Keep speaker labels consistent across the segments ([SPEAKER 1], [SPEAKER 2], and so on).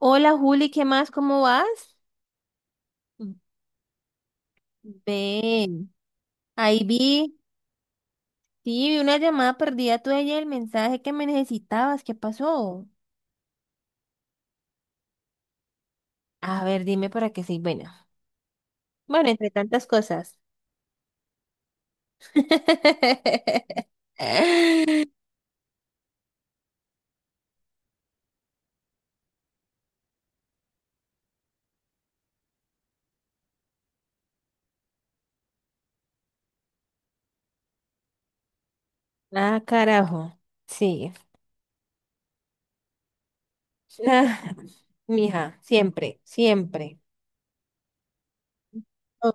[SPEAKER 1] Hola Juli, ¿qué más? ¿Cómo vas? Ven, ahí vi, sí, vi una llamada perdida tuya y el mensaje que me necesitabas, ¿qué pasó? A ver, dime para qué soy buena. Bueno, entre tantas cosas. Ah, carajo. Sí. Ah, mija, siempre, siempre. Oh,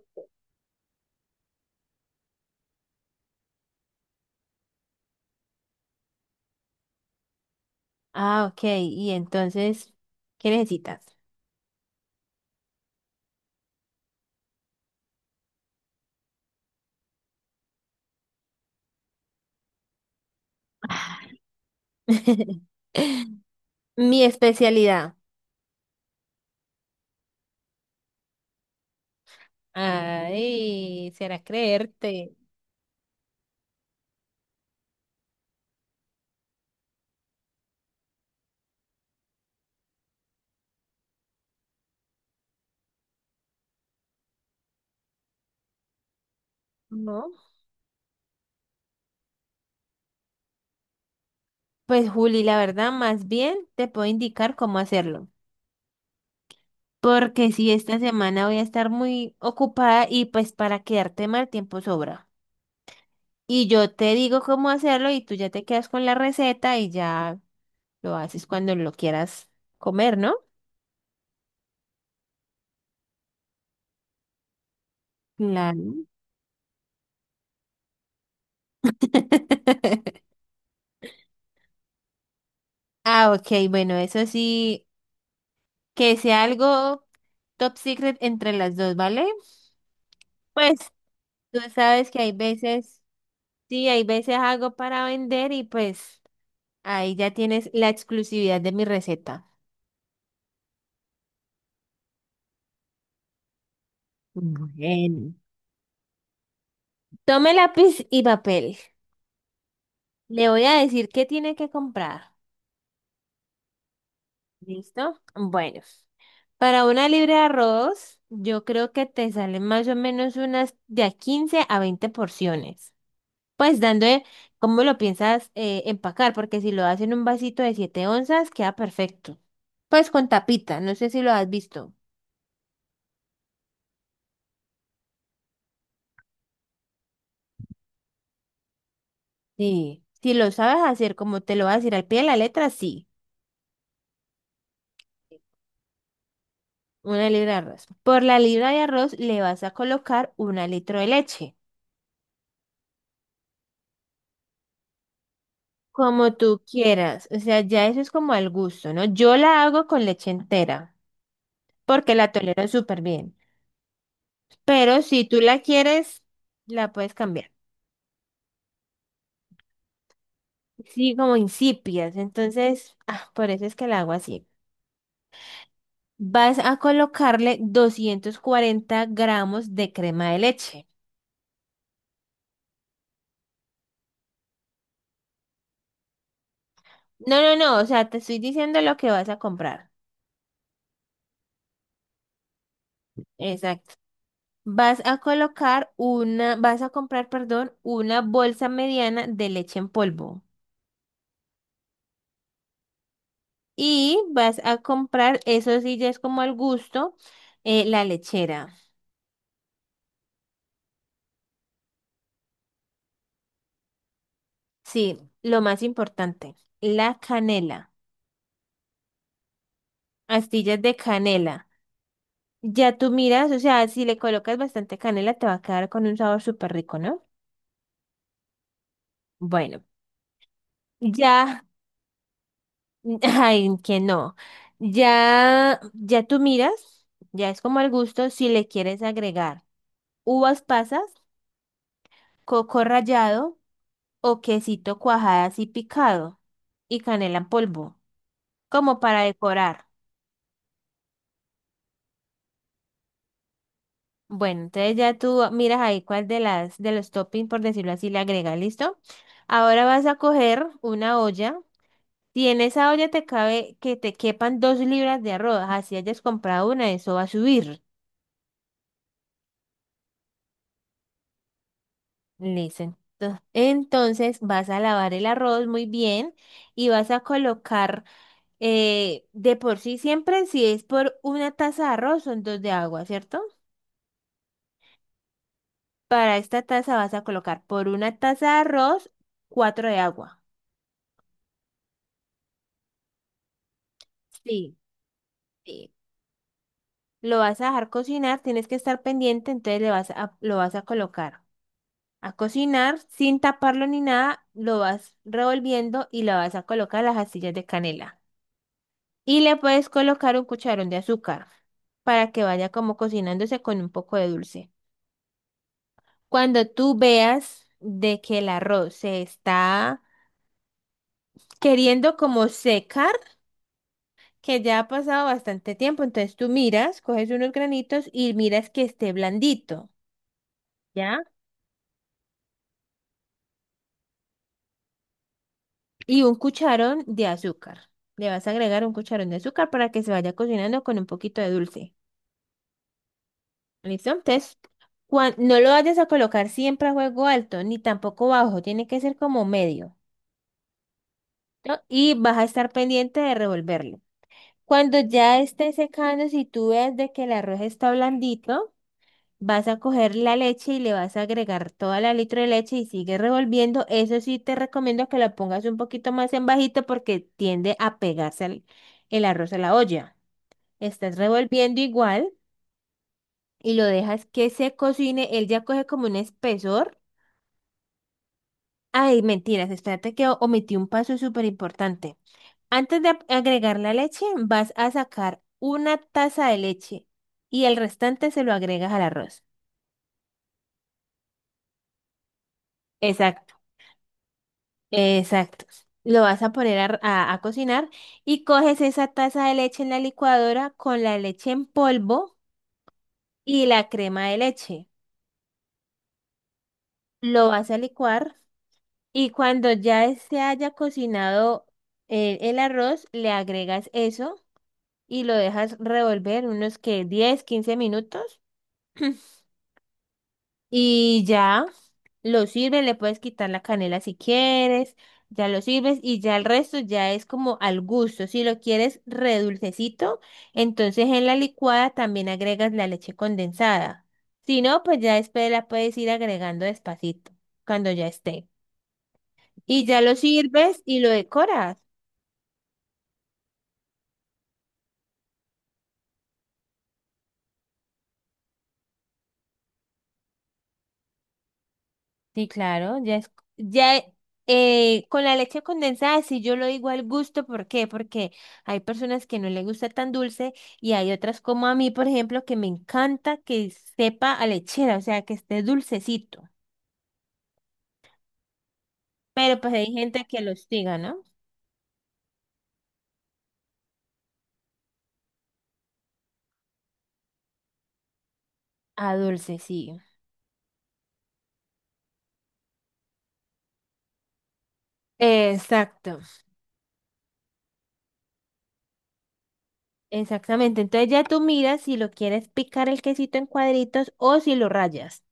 [SPEAKER 1] ah, ok. Y entonces, ¿qué necesitas? Mi especialidad. Ay, será creerte. ¿No? Pues Juli, la verdad, más bien te puedo indicar cómo hacerlo, porque si esta semana voy a estar muy ocupada y pues para quedarte mal tiempo sobra. Y yo te digo cómo hacerlo y tú ya te quedas con la receta y ya lo haces cuando lo quieras comer, ¿no? Claro. Ah, ok, bueno, eso sí, que sea algo top secret entre las dos, ¿vale? Pues tú sabes que hay veces, sí, hay veces hago para vender y pues... Ahí ya tienes la exclusividad de mi receta. Bueno, tome lápiz y papel. Le voy a decir qué tiene que comprar. ¿Listo? Bueno, para una libra de arroz, yo creo que te salen más o menos unas de a 15 a 20 porciones. Pues dando cómo lo piensas empacar, porque si lo haces en un vasito de 7 onzas, queda perfecto. Pues con tapita, no sé si lo has visto. Sí. Si lo sabes hacer como te lo vas a decir al pie de la letra, sí. Una libra de arroz. Por la libra de arroz le vas a colocar una litro de leche, como tú quieras. O sea, ya eso es como al gusto, ¿no? Yo la hago con leche entera, porque la tolero súper bien. Pero si tú la quieres, la puedes cambiar. Sí, como incipias. Entonces, por eso es que la hago así. Vas a colocarle 240 gramos de crema de leche. No, no, no, o sea, te estoy diciendo lo que vas a comprar. Exacto. Vas a colocar una, vas a comprar, perdón, una bolsa mediana de leche en polvo. Y vas a comprar, eso sí ya es como al gusto, la lechera. Sí, lo más importante, la canela, astillas de canela. Ya tú miras, o sea, si le colocas bastante canela, te va a quedar con un sabor súper rico, ¿no? Bueno, ya, ay, que no. Ya, ya tú miras, ya es como al gusto si le quieres agregar uvas pasas, coco rallado o quesito cuajada y picado y canela en polvo, como para decorar. Bueno, entonces ya tú miras ahí cuál de las de los toppings, por decirlo así, le agregas, ¿listo? Ahora vas a coger una olla. Si en esa olla te cabe que te quepan 2 libras de arroz, así hayas comprado una, eso va a subir. Listo. Entonces vas a lavar el arroz muy bien y vas a colocar. De por sí siempre, si es por una taza de arroz, son dos de agua, ¿cierto? Para esta taza vas a colocar por una taza de arroz, cuatro de agua. Sí, sí. Lo vas a dejar cocinar, tienes que estar pendiente, entonces lo vas a colocar a cocinar sin taparlo ni nada, lo vas revolviendo y le vas a colocar las astillas de canela. Y le puedes colocar un cucharón de azúcar para que vaya como cocinándose con un poco de dulce. Cuando tú veas de que el arroz se está queriendo como secar, que ya ha pasado bastante tiempo, entonces tú miras, coges unos granitos y miras que esté blandito, ¿ya? Y un cucharón de azúcar. Le vas a agregar un cucharón de azúcar para que se vaya cocinando con un poquito de dulce. ¿Listo? Entonces, no lo vayas a colocar siempre a fuego alto, ni tampoco bajo, tiene que ser como medio, ¿no? Y vas a estar pendiente de revolverlo. Cuando ya esté secando, si tú ves de que el arroz está blandito, vas a coger la leche y le vas a agregar toda la litro de leche y sigue revolviendo. Eso sí te recomiendo que la pongas un poquito más en bajito porque tiende a pegarse el arroz a la olla. Estás revolviendo igual y lo dejas que se cocine. Él ya coge como un espesor. Ay, mentiras, espérate que omití un paso súper importante. Antes de agregar la leche, vas a sacar una taza de leche y el restante se lo agregas al arroz. Exacto, exacto. Lo vas a poner a cocinar y coges esa taza de leche en la licuadora con la leche en polvo y la crema de leche. Lo vas a licuar y cuando ya se haya cocinado el arroz, le agregas eso y lo dejas revolver unos que 10, 15 minutos. Y ya lo sirves, le puedes quitar la canela si quieres, ya lo sirves y ya el resto ya es como al gusto. Si lo quieres redulcecito, entonces en la licuada también agregas la leche condensada. Si no, pues ya después la puedes ir agregando despacito cuando ya esté. Y ya lo sirves y lo decoras. Sí, claro, ya es, ya con la leche condensada, sí yo lo digo al gusto, ¿por qué? Porque hay personas que no les gusta tan dulce y hay otras como a mí, por ejemplo, que me encanta que sepa a lechera, o sea, que esté dulcecito. Pero pues hay gente que lo hostiga, ¿no? A dulce, sí. Exacto, exactamente. Entonces ya tú miras si lo quieres picar el quesito en cuadritos o si lo rayas.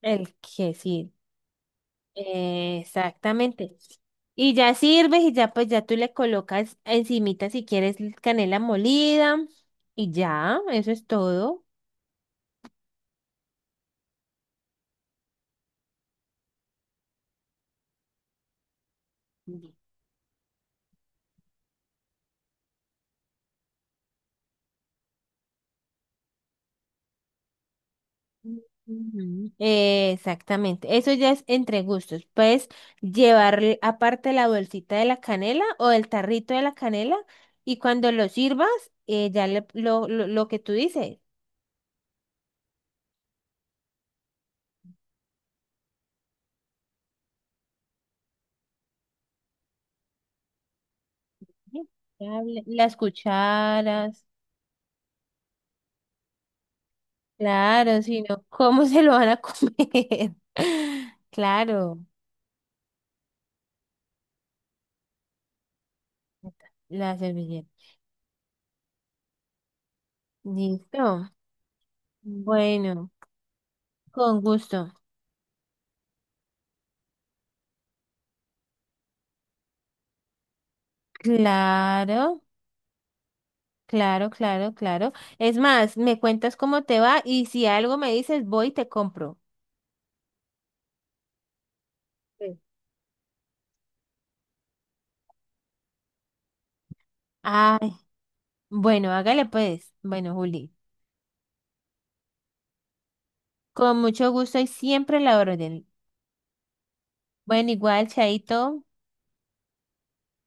[SPEAKER 1] El quesito. Exactamente. Y ya sirves y ya pues ya tú le colocas encimita si quieres canela molida y ya, eso es todo. Ujú. Ujú. Exactamente, eso ya es entre gustos. Puedes llevar aparte la bolsita de la canela o el tarrito de la canela y cuando lo sirvas, lo que tú dices, ¿sí? Las cucharas. Claro, sino, ¿cómo se lo van a comer? Claro, la servilleta. Listo. Bueno, con gusto. Claro, claro, claro, claro. Es más, me cuentas cómo te va y si algo me dices, voy y te compro. Sí. Ay, bueno, hágale pues. Bueno, Juli, con mucho gusto y siempre la orden. Bueno, igual, Chaito.